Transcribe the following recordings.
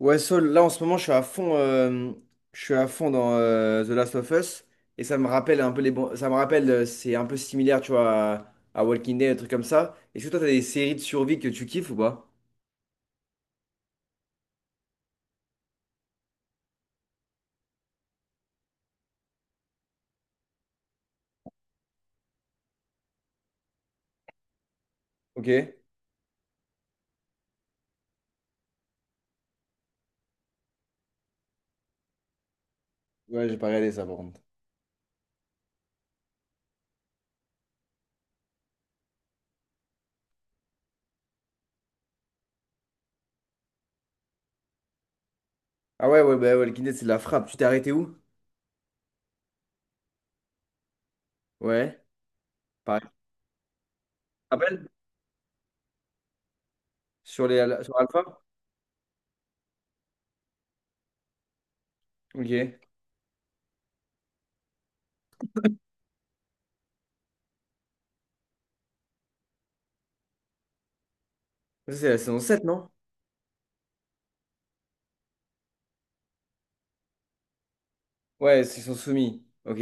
Ouais, Saul, là en ce moment, je suis à fond, je suis à fond dans The Last of Us et ça me rappelle un peu les bons. Ça me rappelle, c'est un peu similaire, tu vois, à Walking Dead, des trucs comme ça. Est-ce que toi, t'as des séries de survie que tu kiffes ou pas? Ok. Ouais, j'ai pas regardé ça par contre. Ah ouais, ouais, bah, Walking Dead, c'est de la frappe. Tu t'es arrêté où? Ouais. Pareil. Tu te rappelles? Sur sur Alpha? Ok. Ça, c'est la saison 7 non? Ouais, ils sont soumis. Ok.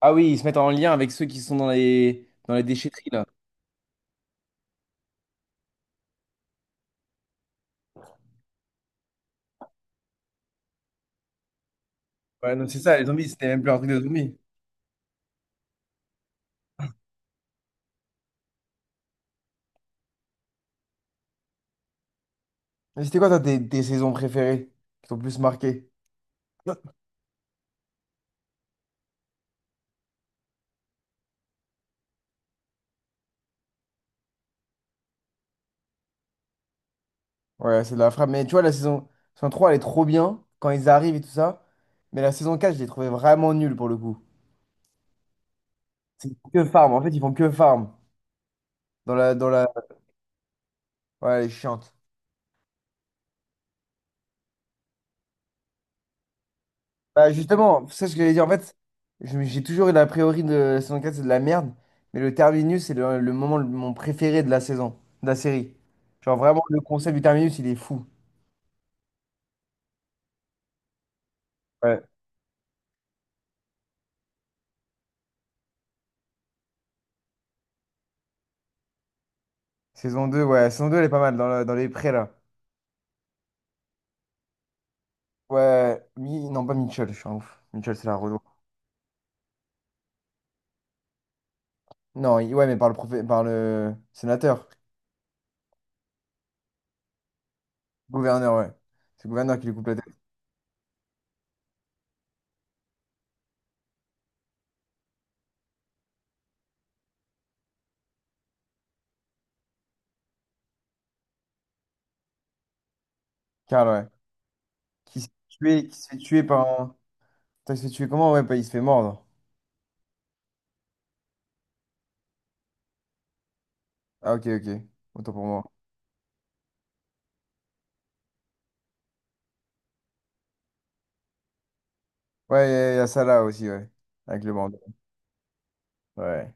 Ah oui, ils se mettent en lien avec ceux qui sont dans les déchetteries là. Ouais, non, c'est ça, les zombies, c'était même plus un truc de zombies. Mais c'était quoi, toi, tes saisons préférées qui t'ont le plus marqué? Ouais, c'est de la frappe. Mais tu vois, saison 3, elle est trop bien quand ils arrivent et tout ça. Mais la saison 4, je l'ai trouvée vraiment nulle pour le coup. C'est que farm. En fait, ils font que farm. Dans la. Ouais, elle est chiante. Bah, justement, c'est ce que j'allais dire. En fait, j'ai toujours eu l'a priori de la saison 4, c'est de la merde. Mais le terminus, c'est le mon préféré de la saison, de la série. Genre, vraiment, le concept du terminus, il est fou. Ouais. Saison 2, ouais. Saison deux, elle est pas mal dans, dans les prés, là. Ouais, non, pas Mitchell, je suis un ouf. Mitchell, c'est la Renault. Non, ouais, mais par par le sénateur, gouverneur, ouais. C'est le gouverneur qui lui coupe la tête. Karl, ouais. Qui se fait tuer, qui se fait tuer par un. Putain, il se fait tuer comment? Ouais, bah, il se fait mordre. Ah, ok, ok. Autant pour moi. Ouais, il y a ça là aussi, ouais. Avec le bandeau. Ouais.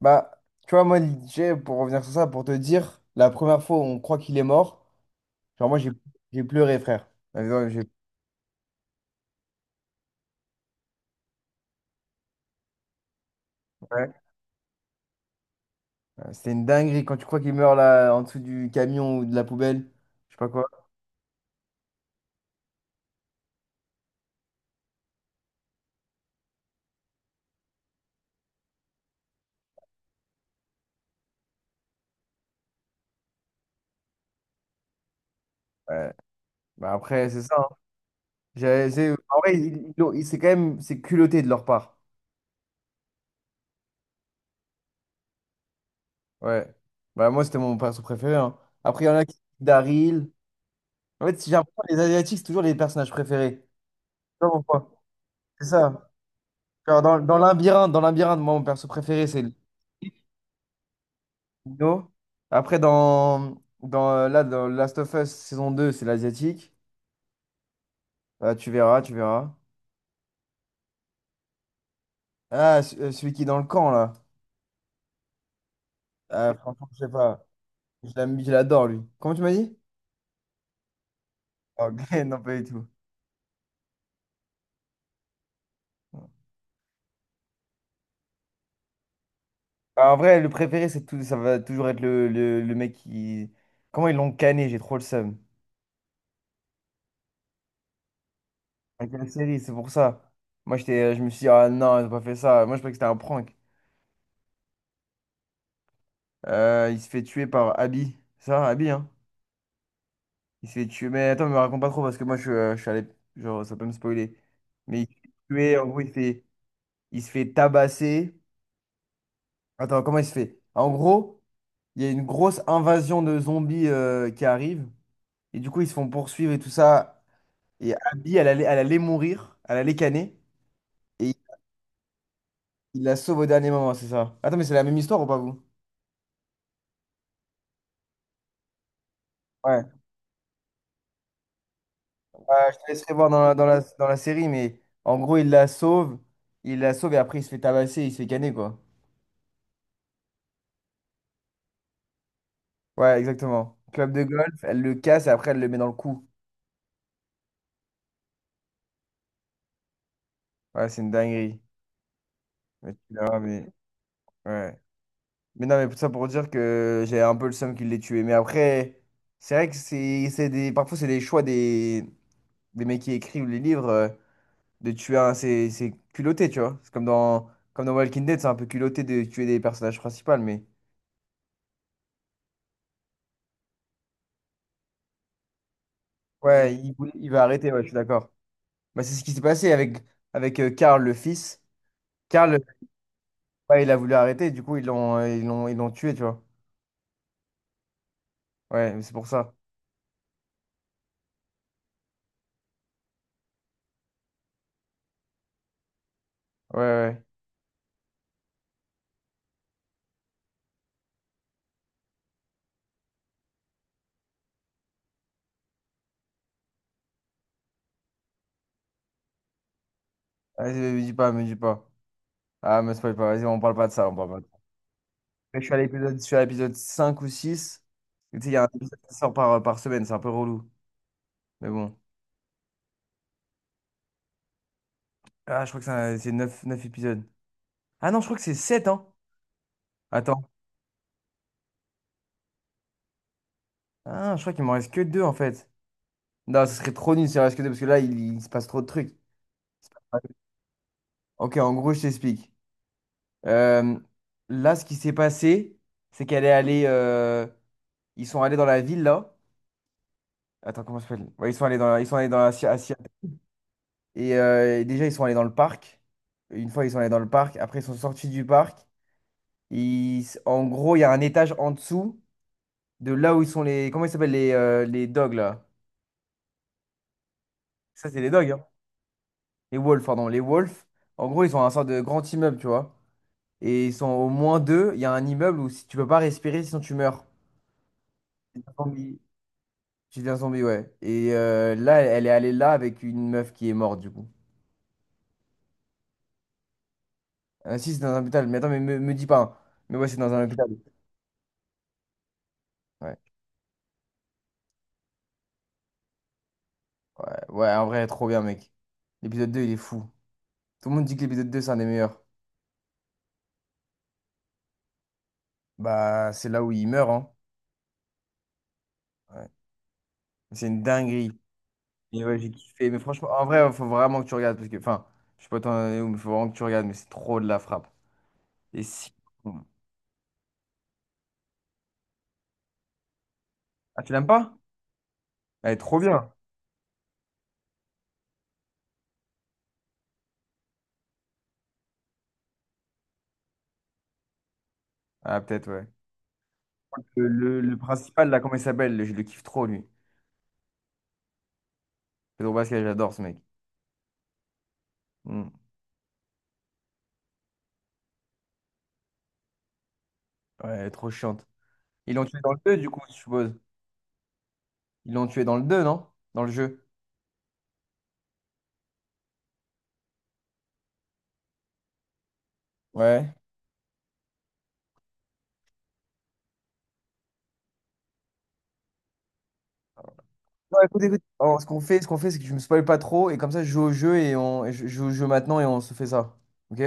Bah, tu vois, moi, DJ, pour revenir sur ça, pour te dire, la première fois où on croit qu'il est mort, genre, moi, j'ai pleuré, frère. Ouais, J'ai ouais, C'était une dinguerie quand tu crois qu'il meurt là en dessous du camion ou de la poubelle. Je sais pas quoi. Ouais. Bah après, c'est ça, hein. En vrai, c'est quand même c'est culotté de leur part. Ouais. Bah moi, c'était mon perso préféré, hein. Après, il y en a qui. Daryl. En fait, si j'ai l'impression que les Asiatiques, c'est toujours les personnages préférés. Je sais pas pourquoi. C'est ça. Genre, dans Labyrinthe, moi, mon perso préféré, c'est le Dino. Après, dans Last of Us saison 2 c'est l'Asiatique. Bah, tu verras, tu verras. Ah, celui qui est dans le camp, là. Franchement, je sais pas. Je l'adore, lui. Comment tu m'as dit? Ok, non, pas du tout. En vrai, le préféré, c'est tout, ça va toujours être le mec qui. Comment ils l'ont canné, j'ai trop le seum. Avec la série, c'est pour ça. Moi, je me suis dit, ah non, ils ont pas fait ça. Moi, je croyais que c'était un prank. Il se fait tuer par Abby. C'est Ça, Abby, hein? Il se fait tuer. Mais attends, me raconte pas trop parce que moi, je suis allé. Genre, ça peut me spoiler. Mais il se fait tuer, en gros, il se fait tabasser. Attends, comment il se fait? En gros. Il y a une grosse invasion de zombies qui arrive. Et du coup, ils se font poursuivre et tout ça. Et Abby, elle allait mourir. Elle allait canner. Et il la sauve au dernier moment, c'est ça. Attends, mais c'est la même histoire ou pas, vous? Ouais. Ouais, je te laisserai voir dans la série, mais en gros, il la sauve. Il la sauve et après, il se fait tabasser, il se fait canner, quoi. Ouais, exactement. Club de golf, elle le casse et après, elle le met dans le cou. Ouais, c'est une dinguerie. Mais tu verras, mais... Ouais. Mais non, mais tout ça pour dire que j'ai un peu le seum qu'il l'ait tué. Mais après, c'est vrai que c'est des... parfois, c'est des choix des mecs qui écrivent les livres de tuer un. C'est culotté, tu vois. C'est comme dans Walking Dead, c'est un peu culotté de tuer des personnages principaux. Mais ouais, Mm. Il va arrêter, ouais, je suis d'accord. Bah, c'est ce qui s'est passé avec Karl, le fils. Karl, ouais, il a voulu arrêter, du coup, ils l'ont tué, tu vois. Ouais, c'est pour ça. Ouais, ouais. Vas-y, me dis pas, me dis pas. Ah, me spoil pas, vas-y, on parle pas de ça, on parle pas. Je suis à l'épisode 5 ou six. Tu sais, il y a un épisode qui sort par semaine, c'est un peu relou. Mais bon. Ah, je crois que c'est neuf épisodes. Ah non, je crois que c'est 7 hein. Attends. Ah, je crois qu'il m'en reste que 2 en fait. Non, ce serait trop nul s'il en reste que 2 parce que là, il se passe trop de trucs. Ok, en gros, je t'explique. Euh, là, ce qui s'est passé, c'est qu'elle est allée, ils sont allés dans la ville là. Attends, comment ça s'appelle? Ouais, ils sont allés ils sont allés à Cia- Et déjà, ils sont allés dans le parc. Une fois, ils sont allés dans le parc. Après, ils sont sortis du parc. En gros, il y a un étage en dessous de là où ils sont les. Comment ils s'appellent les dogs là? Ça, c'est les dogs, hein. Les wolves, pardon. Les wolves. En gros, ils ont un sorte de grand immeuble, tu vois. Et ils sont au moins deux. Il y a un immeuble où si tu peux pas respirer, sinon tu meurs. Tu deviens zombie, tu deviens zombie, ouais. Et là, elle est allée là avec une meuf qui est morte, du coup. Ah, si, c'est dans un hôpital. Mais attends, mais me dis pas, hein. Mais ouais, c'est dans un hôpital. Ouais, ouais, en vrai, trop bien, mec. L'épisode 2 il est fou. Tout le monde dit que l'épisode 2 c'est un des meilleurs. Bah, c'est là où il meurt, hein. Ouais. C'est une dinguerie. Et ouais, j'ai kiffé. Mais franchement, en vrai, il faut vraiment que tu regardes. Parce que, enfin, je sais pas t'en es où, mais il faut vraiment que tu regardes. Mais c'est trop de la frappe. Et si. Bon. Ah, tu l'aimes pas? Elle est trop bien. Ah, peut-être, ouais. Le principal, là, comment il s'appelle? Je le kiffe trop, lui. Pedro Pascal, j'adore ce mec. Hmm. Ouais, elle est trop chiante. Ils l'ont tué dans le 2 du coup, je suppose. Ils l'ont tué dans le 2 non? Dans le jeu. Ouais. Non, écoute, écoute. Alors, ce qu'on fait, c'est que je me spoil pas trop. Et comme ça, je joue au jeu et on je joue au jeu maintenant et on se fait ça. Ok?